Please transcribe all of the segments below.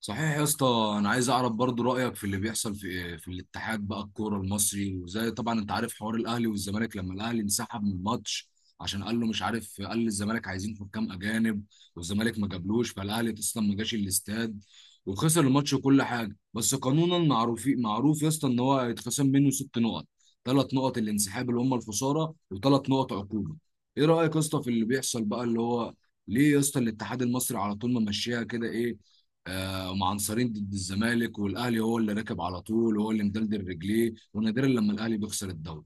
صحيح يا اسطى، انا عايز اعرف برضو رايك في اللي بيحصل في الاتحاد بقى، الكوره المصري. وزي طبعا انت عارف، حوار الاهلي والزمالك لما الاهلي انسحب من الماتش عشان قال له، مش عارف، قال للزمالك عايزين حكام اجانب. والزمالك ما جابلوش، فالاهلي اصلا ما جاش الاستاد وخسر الماتش وكل حاجه. بس قانونا معروف معروف يا اسطى ان هو هيتخصم منه 6 نقط، 3 نقط الانسحاب اللي هم الخساره، و3 نقط عقوبه. ايه رايك يا اسطى في اللي بيحصل بقى؟ اللي هو ليه يا اسطى الاتحاد المصري على طول ما ماشيها كده؟ ايه، هم عنصرين ضد الزمالك، والاهلي هو اللي راكب على طول، وهو اللي مدلدل رجليه، ونادرا لما الاهلي بيخسر الدوري.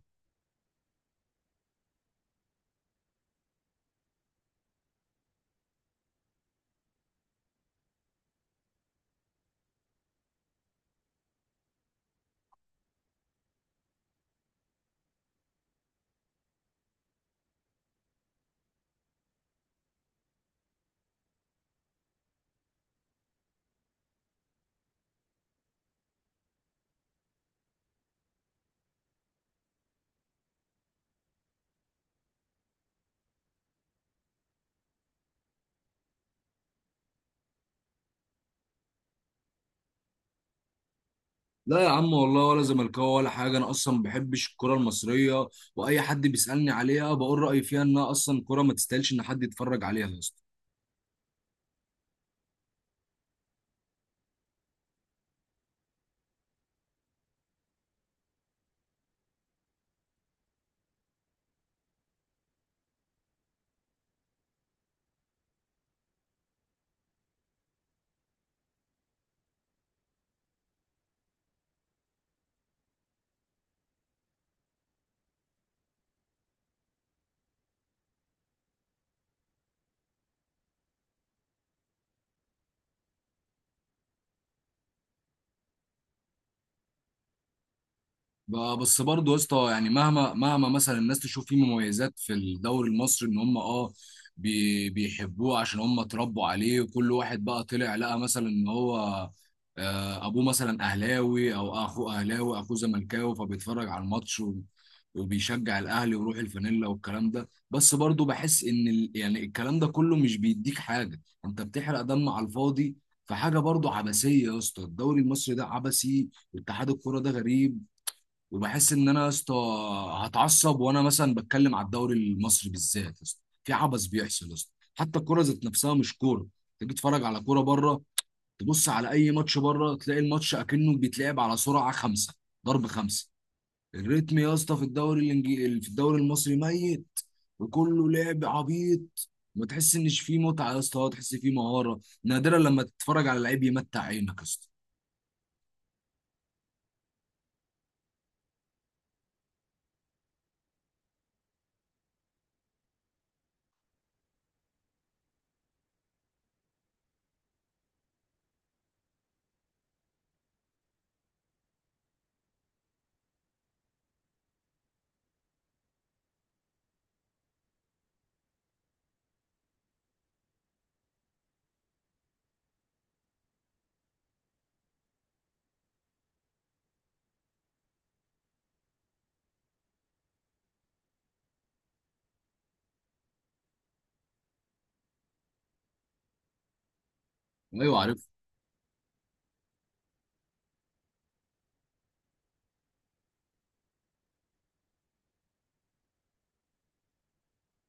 لا يا عم والله، ولا زملكاوي ولا حاجه، انا اصلا ما بحبش الكره المصريه. واي حد بيسالني عليها بقول رايي فيها، انها اصلا كره ما تستاهلش ان حد يتفرج عليها. بس برضه يا اسطى يعني، مهما مهما مثلا الناس تشوف فيه مميزات في الدوري المصري، ان هم، بيحبوه عشان هم اتربوا عليه، وكل واحد بقى طلع لقى مثلا ان هو، ابوه مثلا اهلاوي او اخوه اهلاوي اخوه زملكاوي، فبيتفرج على الماتش وبيشجع الاهلي ويروح الفانيلا والكلام ده. بس برضه بحس ان يعني الكلام ده كله مش بيديك حاجه، انت بتحرق دم على الفاضي. فحاجه برضه عبثيه يا اسطى، الدوري المصري ده عبثي، واتحاد الكوره ده غريب. وبحس ان انا يا اسطى هتعصب وانا مثلا بتكلم على الدوري المصري بالذات، يا اسطى في عبث بيحصل، يا اسطى حتى الكوره ذات نفسها مش كوره. تيجي تتفرج على كوره بره، تبص على اي ماتش بره تلاقي الماتش اكنه بيتلعب على سرعه 5 ضرب 5. الريتم يا اسطى في الدوري الانجليزي، في الدوري المصري ميت. وكله لعب عبيط، ما تحس انش فيه متعه يا اسطى، تحس فيه مهاره، نادرا لما تتفرج على لعيب يمتع عينك يا اسطى. ايوه، عارف.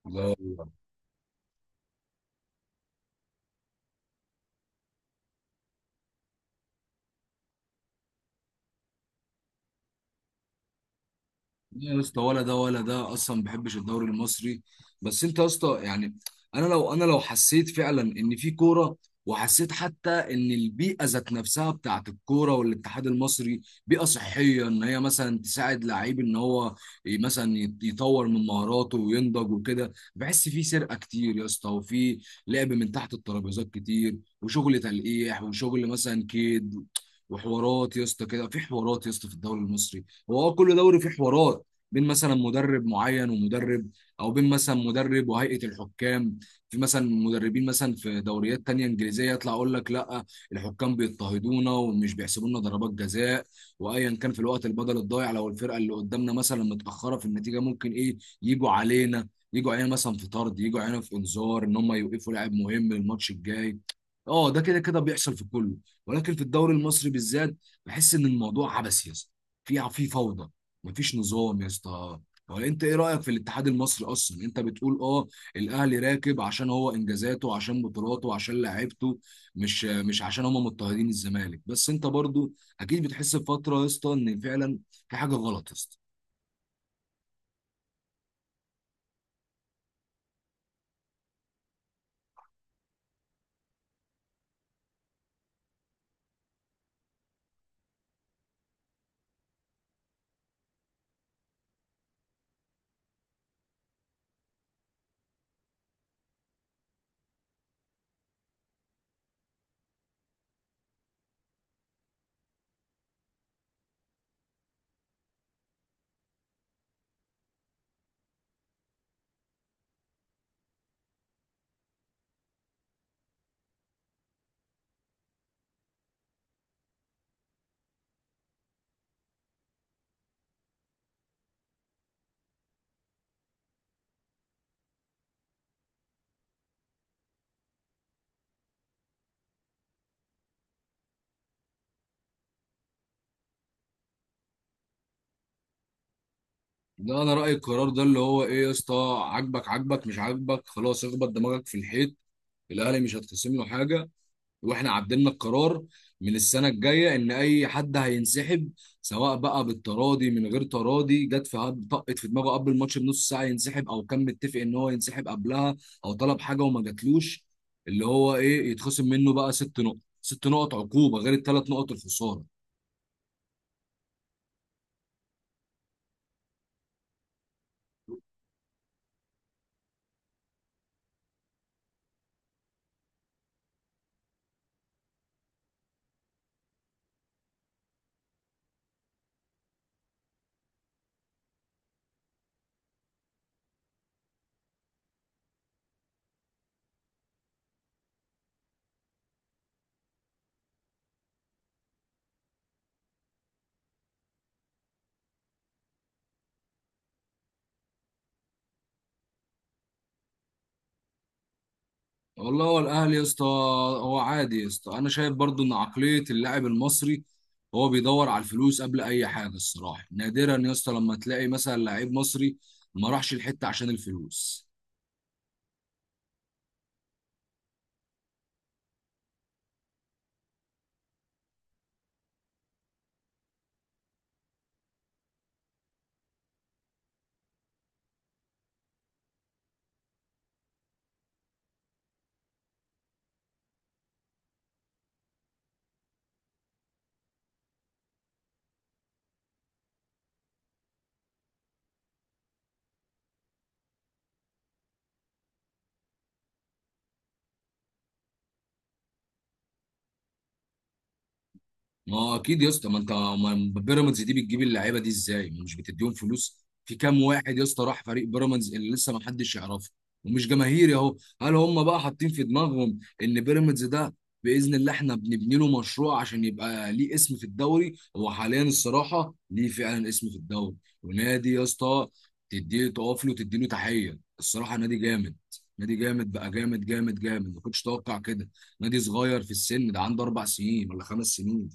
الله. لا يا اسطى، ولا ده ولا ده، اصلا ما بحبش الدوري المصري. بس انت يا اسطى يعني، انا لو حسيت فعلا ان في كوره، وحسيت حتى ان البيئه ذات نفسها بتاعت الكوره والاتحاد المصري بيئه صحيه، ان هي مثلا تساعد لعيب ان هو مثلا يطور من مهاراته وينضج وكده. بحس في سرقه كتير يا اسطى، وفي لعب من تحت الترابيزات كتير، وشغل تلقيح، وشغل مثلا كيد، وحوارات يا اسطى كده، في حوارات يا اسطى في الدوري المصري. هو كل دوري فيه حوارات، بين مثلا مدرب معين ومدرب، او بين مثلا مدرب وهيئه الحكام. في مثلا مدربين مثلا في دوريات تانية انجليزيه يطلع اقول لك، لا الحكام بيضطهدونا ومش بيحسبوا لنا ضربات جزاء، وايا كان في الوقت البدل الضايع لو الفرقه اللي قدامنا مثلا متاخره في النتيجه، ممكن ايه، يجوا علينا مثلا في طرد، يجوا علينا في انذار ان هم يوقفوا لاعب مهم للماتش الجاي. اه ده كده كده بيحصل في كله، ولكن في الدوري المصري بالذات بحس ان الموضوع عبثي يا اسطى. في فوضى، مفيش نظام يا اسطى. هو انت ايه رايك في الاتحاد المصري اصلا؟ انت بتقول الاهلي راكب عشان هو انجازاته، عشان بطولاته، عشان لعيبته، مش عشان هم مضطهدين الزمالك. بس انت برضو اكيد بتحس بفتره يا اسطى ان فعلا في حاجه غلط يا اسطى. ده انا رايي القرار ده اللي هو ايه يا اسطى، عاجبك عاجبك، مش عاجبك خلاص اخبط دماغك في الحيط. الاهلي مش هتخصم له حاجه، واحنا عدلنا القرار من السنه الجايه ان اي حد هينسحب، سواء بقى بالتراضي، من غير تراضي، طقت في دماغه قبل الماتش بنص ساعه ينسحب، او كان متفق ان هو ينسحب قبلها، او طلب حاجه وما جاتلوش، اللي هو ايه، يتخصم منه بقى 6 نقط، 6 نقط عقوبه غير ال3 نقط الخساره. والله هو الاهلي يا اسطى، هو عادي يا اسطى. انا شايف برضو ان عقليه اللاعب المصري، هو بيدور على الفلوس قبل اي حاجه الصراحه، نادرا يا اسطى لما تلاقي مثلا لعيب مصري ما راحش الحته عشان الفلوس. ما هو اكيد يا اسطى، ما انت ما بيراميدز دي بتجيب اللعيبه دي ازاي؟ ما مش بتديهم فلوس؟ في كام واحد يا اسطى راح فريق بيراميدز اللي لسه ما حدش يعرفه ومش جماهيري اهو. هل هم بقى حاطين في دماغهم ان بيراميدز ده باذن الله احنا بنبني له مشروع عشان يبقى ليه اسم في الدوري؟ هو حاليا الصراحه ليه فعلا اسم في الدوري، ونادي يا اسطى تديه تقف له وتدي له تحيه الصراحه. نادي جامد، نادي جامد بقى، جامد جامد جامد، ما كنتش اتوقع كده. نادي صغير في السن، ده عنده 4 سنين ولا 5 سنين.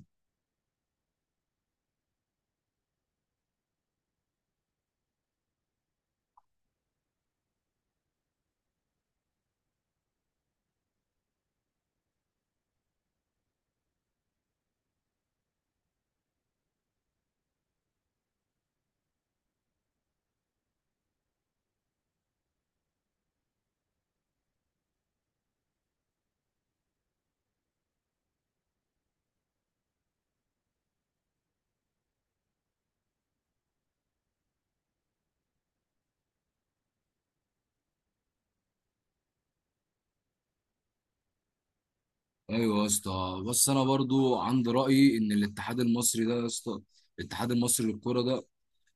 ايوه يا اسطى، بس انا برضو عندي رايي ان الاتحاد المصري ده يا اسطى، الاتحاد المصري للكوره ده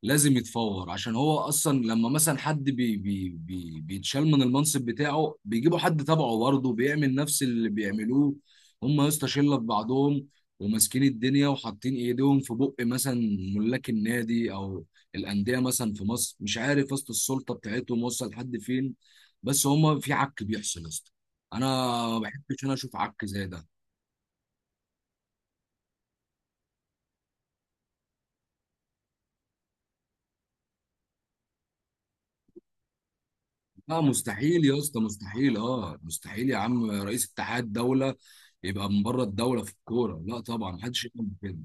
لازم يتفور، عشان هو اصلا لما مثلا حد بي بي بي بيتشال من المنصب بتاعه، بيجيبوا حد تبعه برضه بيعمل نفس اللي بيعملوه. هم يا اسطى شله في بعضهم، وماسكين الدنيا، وحاطين ايديهم في بق مثلا ملاك النادي، او الانديه مثلا في مصر. مش عارف يا اسطى السلطه بتاعتهم وصل لحد فين. بس هم في عك بيحصل يا اسطى، انا ما بحبش انا اشوف عك زي ده. لا مستحيل يا اسطى، مستحيل، مستحيل يا عم، رئيس اتحاد دولة يبقى من بره الدولة في الكورة؟ لا طبعا، محدش يعمل كده.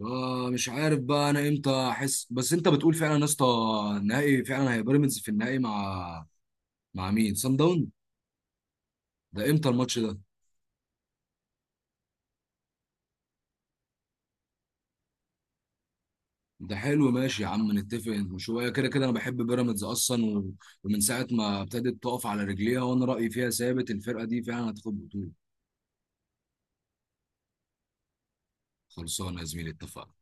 آه، مش عارف بقى انا امتى احس، بس انت بتقول فعلا يا اسطى النهائي فعلا، هي بيراميدز في النهائي مع مين، سان داون؟ ده امتى الماتش ده؟ ده حلو، ماشي يا عم، نتفق شويه، كده كده انا بحب بيراميدز اصلا ومن ساعه ما ابتدت تقف على رجليها وانا رايي فيها ثابت، الفرقه دي فعلا هتاخد بطوله. خلصانه يا زميلي، اتفقنا.